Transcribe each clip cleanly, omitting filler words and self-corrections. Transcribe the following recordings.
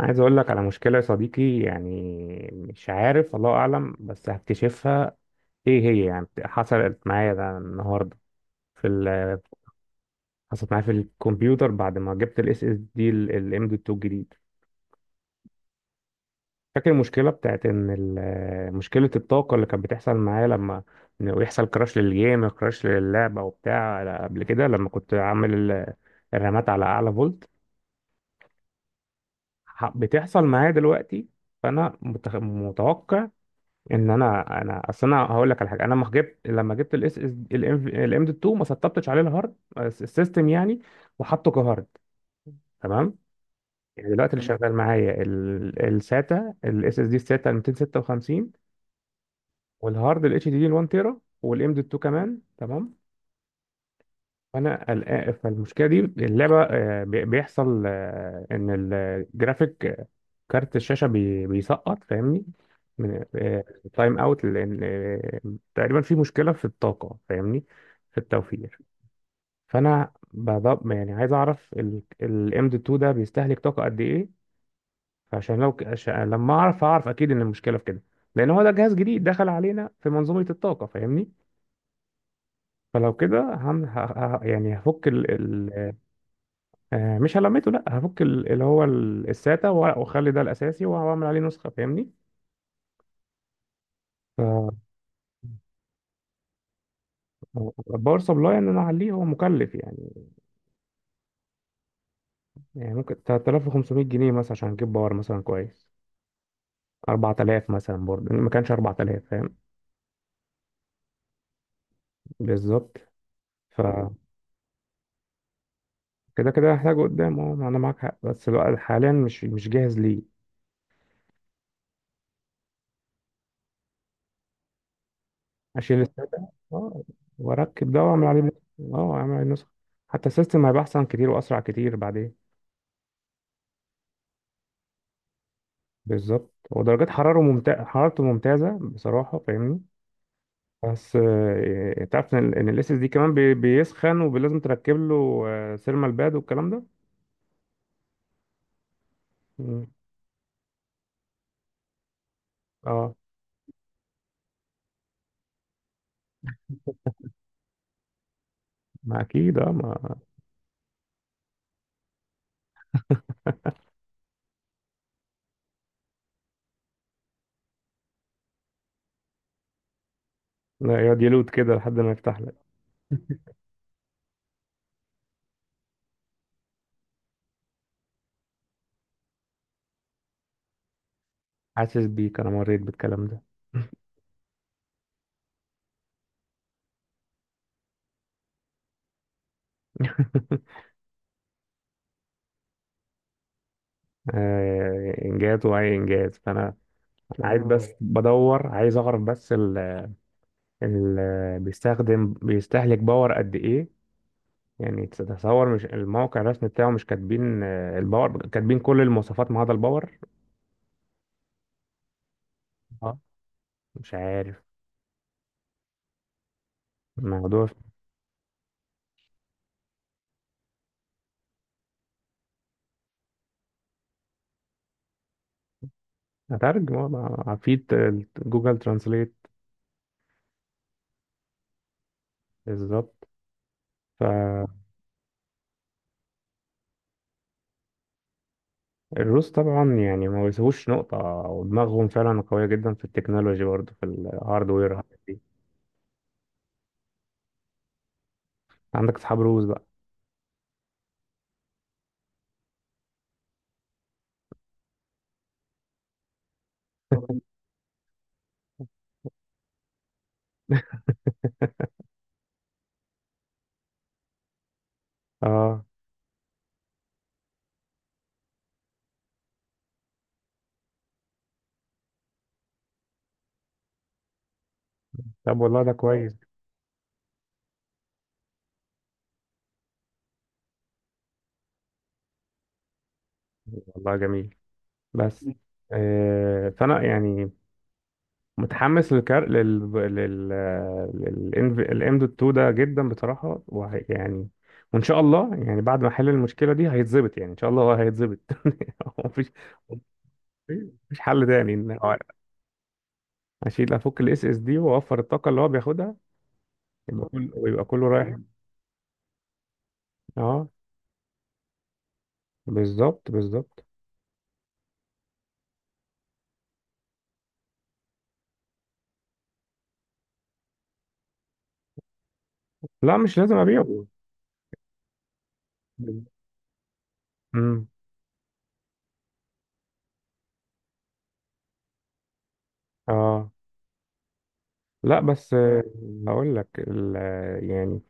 عايز اقول لك على مشكلة يا صديقي يعني، مش عارف، الله اعلم بس هكتشفها. ايه هي؟ يعني حصلت معايا ده النهاردة في ال... حصلت معايا في الكمبيوتر بعد ما جبت الاس اس دي الام دي 2 الجديد. فاكر المشكلة بتاعت ان مشكلة الطاقة اللي كانت بتحصل معايا لما إنه يحصل كراش للعبة وبتاع، قبل كده لما كنت عامل الرامات على اعلى فولت. بتحصل معايا دلوقتي. فانا متوقع ان انا اصل انا هقول لك على حاجه، انا لما جبت الاس اس الام دي 2 ما سطبتش عليه الهارد السيستم يعني، وحطه كهارد. تمام. يعني دلوقتي اللي تمام شغال معايا الساتا، الاس اس دي الساتا 256، والهارد الاتش دي دي 1 تيرا، والام دي 2 كمان. تمام. فانا قلقان فالمشكله دي، اللعبه بيحصل، ان الجرافيك كارت الشاشة بيسقط، فاهمني، من تايم اوت، لان تقريبا في مشكلة في الطاقة، فاهمني، في التوفير. فانا بضب يعني عايز اعرف الام دي 2 ده بيستهلك طاقة قد ايه، فعشان عشان لما اعرف اكيد ان المشكلة في كده. لان هو ده جهاز جديد دخل علينا في منظومة الطاقة، فاهمني. فلو كده هم يعني هفك مش هلمته، لا هفك اللي هو الساتا، واخلي ده الاساسي واعمل عليه نسخة، فاهمني. هو باور سبلاي ان انا اعليه هو مكلف يعني، يعني ممكن 3,500 جنيه مثلا عشان اجيب باور مثلا كويس. 4,000 مثلا، برضه ما كانش 4,000، فاهم. بالظبط. فكده كده هحتاجه قدام، اه انا معاك حق بس الوقت حاليا مش جاهز ليه. اشيل الساده، اه، واركب ده واعمل عليه نسخ. اه، اعمل عليه نسخ، حتى السيستم هيبقى احسن كتير واسرع كتير بعدين. بالظبط، ودرجات حراره ممتازه، حرارته ممتازه بصراحه، فاهمني. بس تعرف ان إن ال اس دي كمان بيسخن، ولازم تركب له سيرمال باد والكلام ده. مم. اه، ما اكيد، اه، ما. لا، يقعد يلوت كده لحد ما يفتح لك. حاسس بيك، انا مريت بالكلام ده. انجاز، واي انجاز. فانا عايز، اه بس بدور، عايز اعرف بس ال بيستهلك باور قد ايه. يعني تتصور مش الموقع الرسمي بتاعه مش كاتبين الباور؟ كاتبين كل المواصفات ما عدا الباور. اه، مش عارف الموضوع. هتعرف في جوجل ترانسليت. بالظبط. فالروس طبعا يعني ما بيسيبوش نقطة، ودماغهم فعلا قوية جدا في التكنولوجي برضه، في الهاردوير والحاجات دي. عندك أصحاب روس بقى؟ اه، طب والله ده كويس. والله جميل. بس آه، فأنا يعني متحمس للكار لل لل للام دوت 2 ده جدا بصراحة، وهي يعني، وإن شاء الله يعني بعد ما أحل المشكلة دي هيتظبط، يعني إن شاء الله هو هيتظبط. مفيش مفيش حل تاني، ان هو افك الاس اس دي واوفر الطاقه اللي هو بياخدها، يبقى كله ويبقى كله رايح. اه، بالظبط بالظبط. لا مش لازم ابيعه. امم، اه، لا بس هقول لك يعني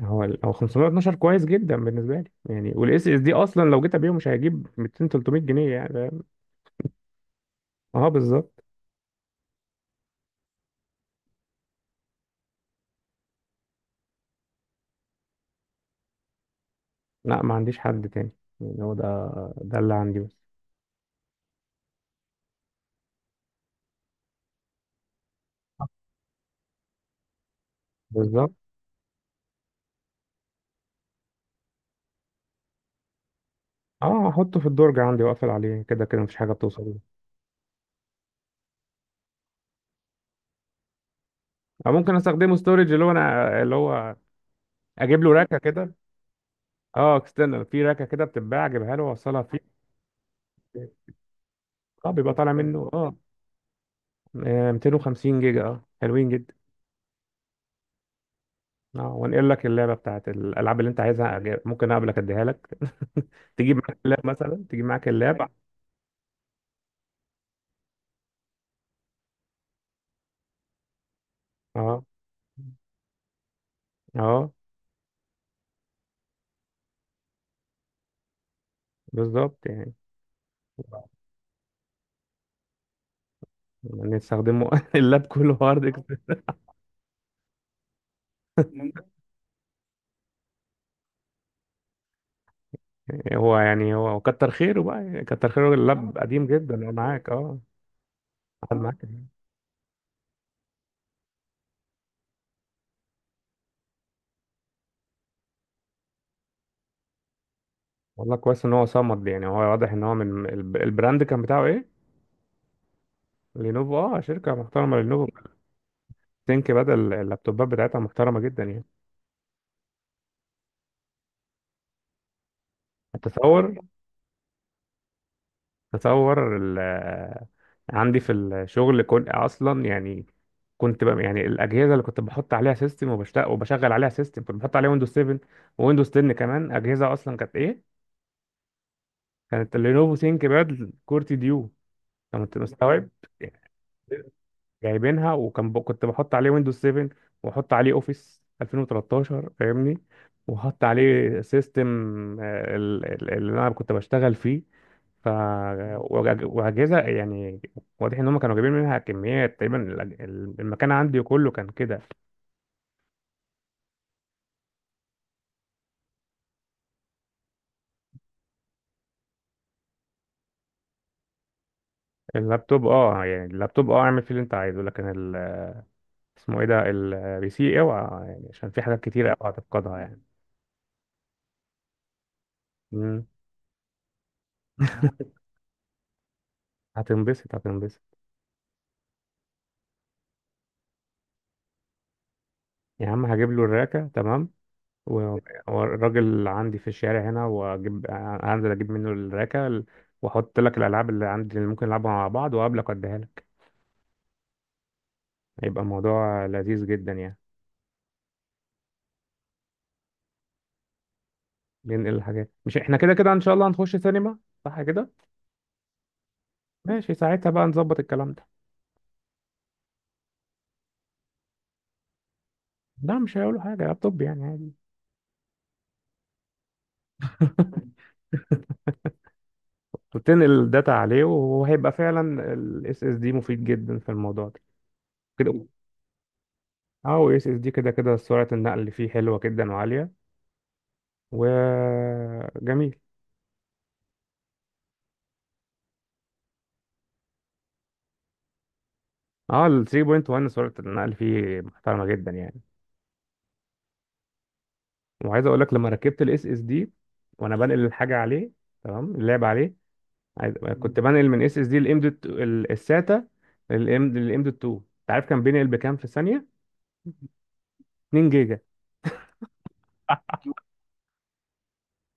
هو هو 512 كويس جدا بالنسبه لي يعني. والاس اس دي اصلا لو جيت ابيعه مش هيجيب 200 300 جنيه يعني، فاهم؟ اه بالظبط. لا ما عنديش حد تاني، يعني هو ده اللي عندي بس. بالظبط. اه هحطه في الدرج عندي واقفل عليه، كده كده مفيش حاجه بتوصل. او ممكن استخدمه ستورج، اللي هو اجيب له راكه كده. اه، اكسترنال في راكه كده بتتباع، اجيبها له واوصلها فيه. اه، بيبقى طالع منه اه. 250 جيجا، اه، حلوين جدا. اه، وانقل لك بتاعت الالعاب اللي انت عايزها. ممكن اقابلك اديها لك. تجيب معاك اللاب، مثلا تجيب معاك اللاب اه، اه. بالظبط، يعني نستخدمه. اللاب كله هارد اكسترنال. هو كتر خيره بقى، يعني كتر خيره. اللاب قديم جدا، هو معاك اه. قعد معاك. والله كويس ان هو صمد، يعني هو واضح ان هو من البراند. كان بتاعه ايه؟ لينوفو. اه، شركه محترمه لينوفو ثينك بدل. اللابتوبات بتاعتها محترمه جدا يعني. تصور تصور عندي في الشغل، كنت بقى، يعني الاجهزه اللي كنت بحط عليها سيستم وبشغل عليها سيستم، كنت بحط عليها ويندوز 7، ويندوز 10 كمان. اجهزه اصلا كانت ايه؟ كانت اللينوفو ثينك باد كورتي ديو، انت مستوعب؟ جايبينها، وكان كنت بحط عليه ويندوز 7 واحط عليه اوفيس 2013، فاهمني، وحط عليه سيستم، اللي انا كنت بشتغل فيه. ف واجهزه يعني، واضح ان هم كانوا جايبين منها كميات تقريبا. المكان عندي كله كان كده. اللابتوب، اه يعني اللابتوب، اه اعمل فيه اللي انت عايزه، لكن ال... اسمه ايه ده، البي سي اوعى يعني، عشان في حاجات كتيره اوعى تفقدها يعني. مم. هتنبسط هتنبسط. يا عم، هجيب له الراكه تمام، و- والراجل عندي في الشارع هنا، انزل اجيب منه الراكه، واحط لك الالعاب اللي عندي اللي ممكن نلعبها مع بعض، وقابلك واديها لك. هيبقى الموضوع لذيذ جدا يعني. ننقل الحاجات، مش احنا كده كده ان شاء الله هنخش سينما؟ صح كده. ماشي، ساعتها بقى نظبط الكلام ده. لا، مش هيقولوا حاجه، لابتوب يعني عادي. وتنقل الداتا عليه، وهيبقى فعلا الاس اس دي مفيد جدا في الموضوع ده كده. اه، اس اس دي كده كده سرعه النقل اللي فيه حلوه جدا وعاليه، وجميل. اه، ال 3.1 سرعة النقل فيه محترمة جدا يعني. وعايز اقول لك لما ركبت الاس اس دي وانا بنقل الحاجة عليه، تمام اللعب عليه. عايز... مم. كنت بنقل من اس اس دي الام دوت الساتا للام دوت 2، انت عارف كان بينقل بكام في ثانية؟ 2 جيجا.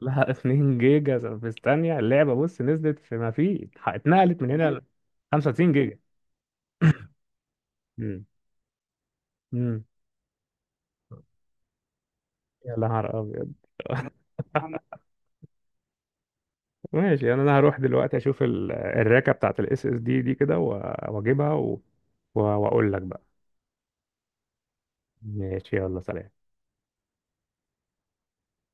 لا. 2 جيجا في الثانية. اللعبة بص، نزلت في ما في اتنقلت من هنا ل كتير، 95 جيجا. امم امم يا نهار ابيض. ماشي يعني، انا هروح دلوقتي اشوف الراكه بتاعت الاس اس دي دي كده، واجيبها، واقول لك بقى. ماشي، يلا سلام.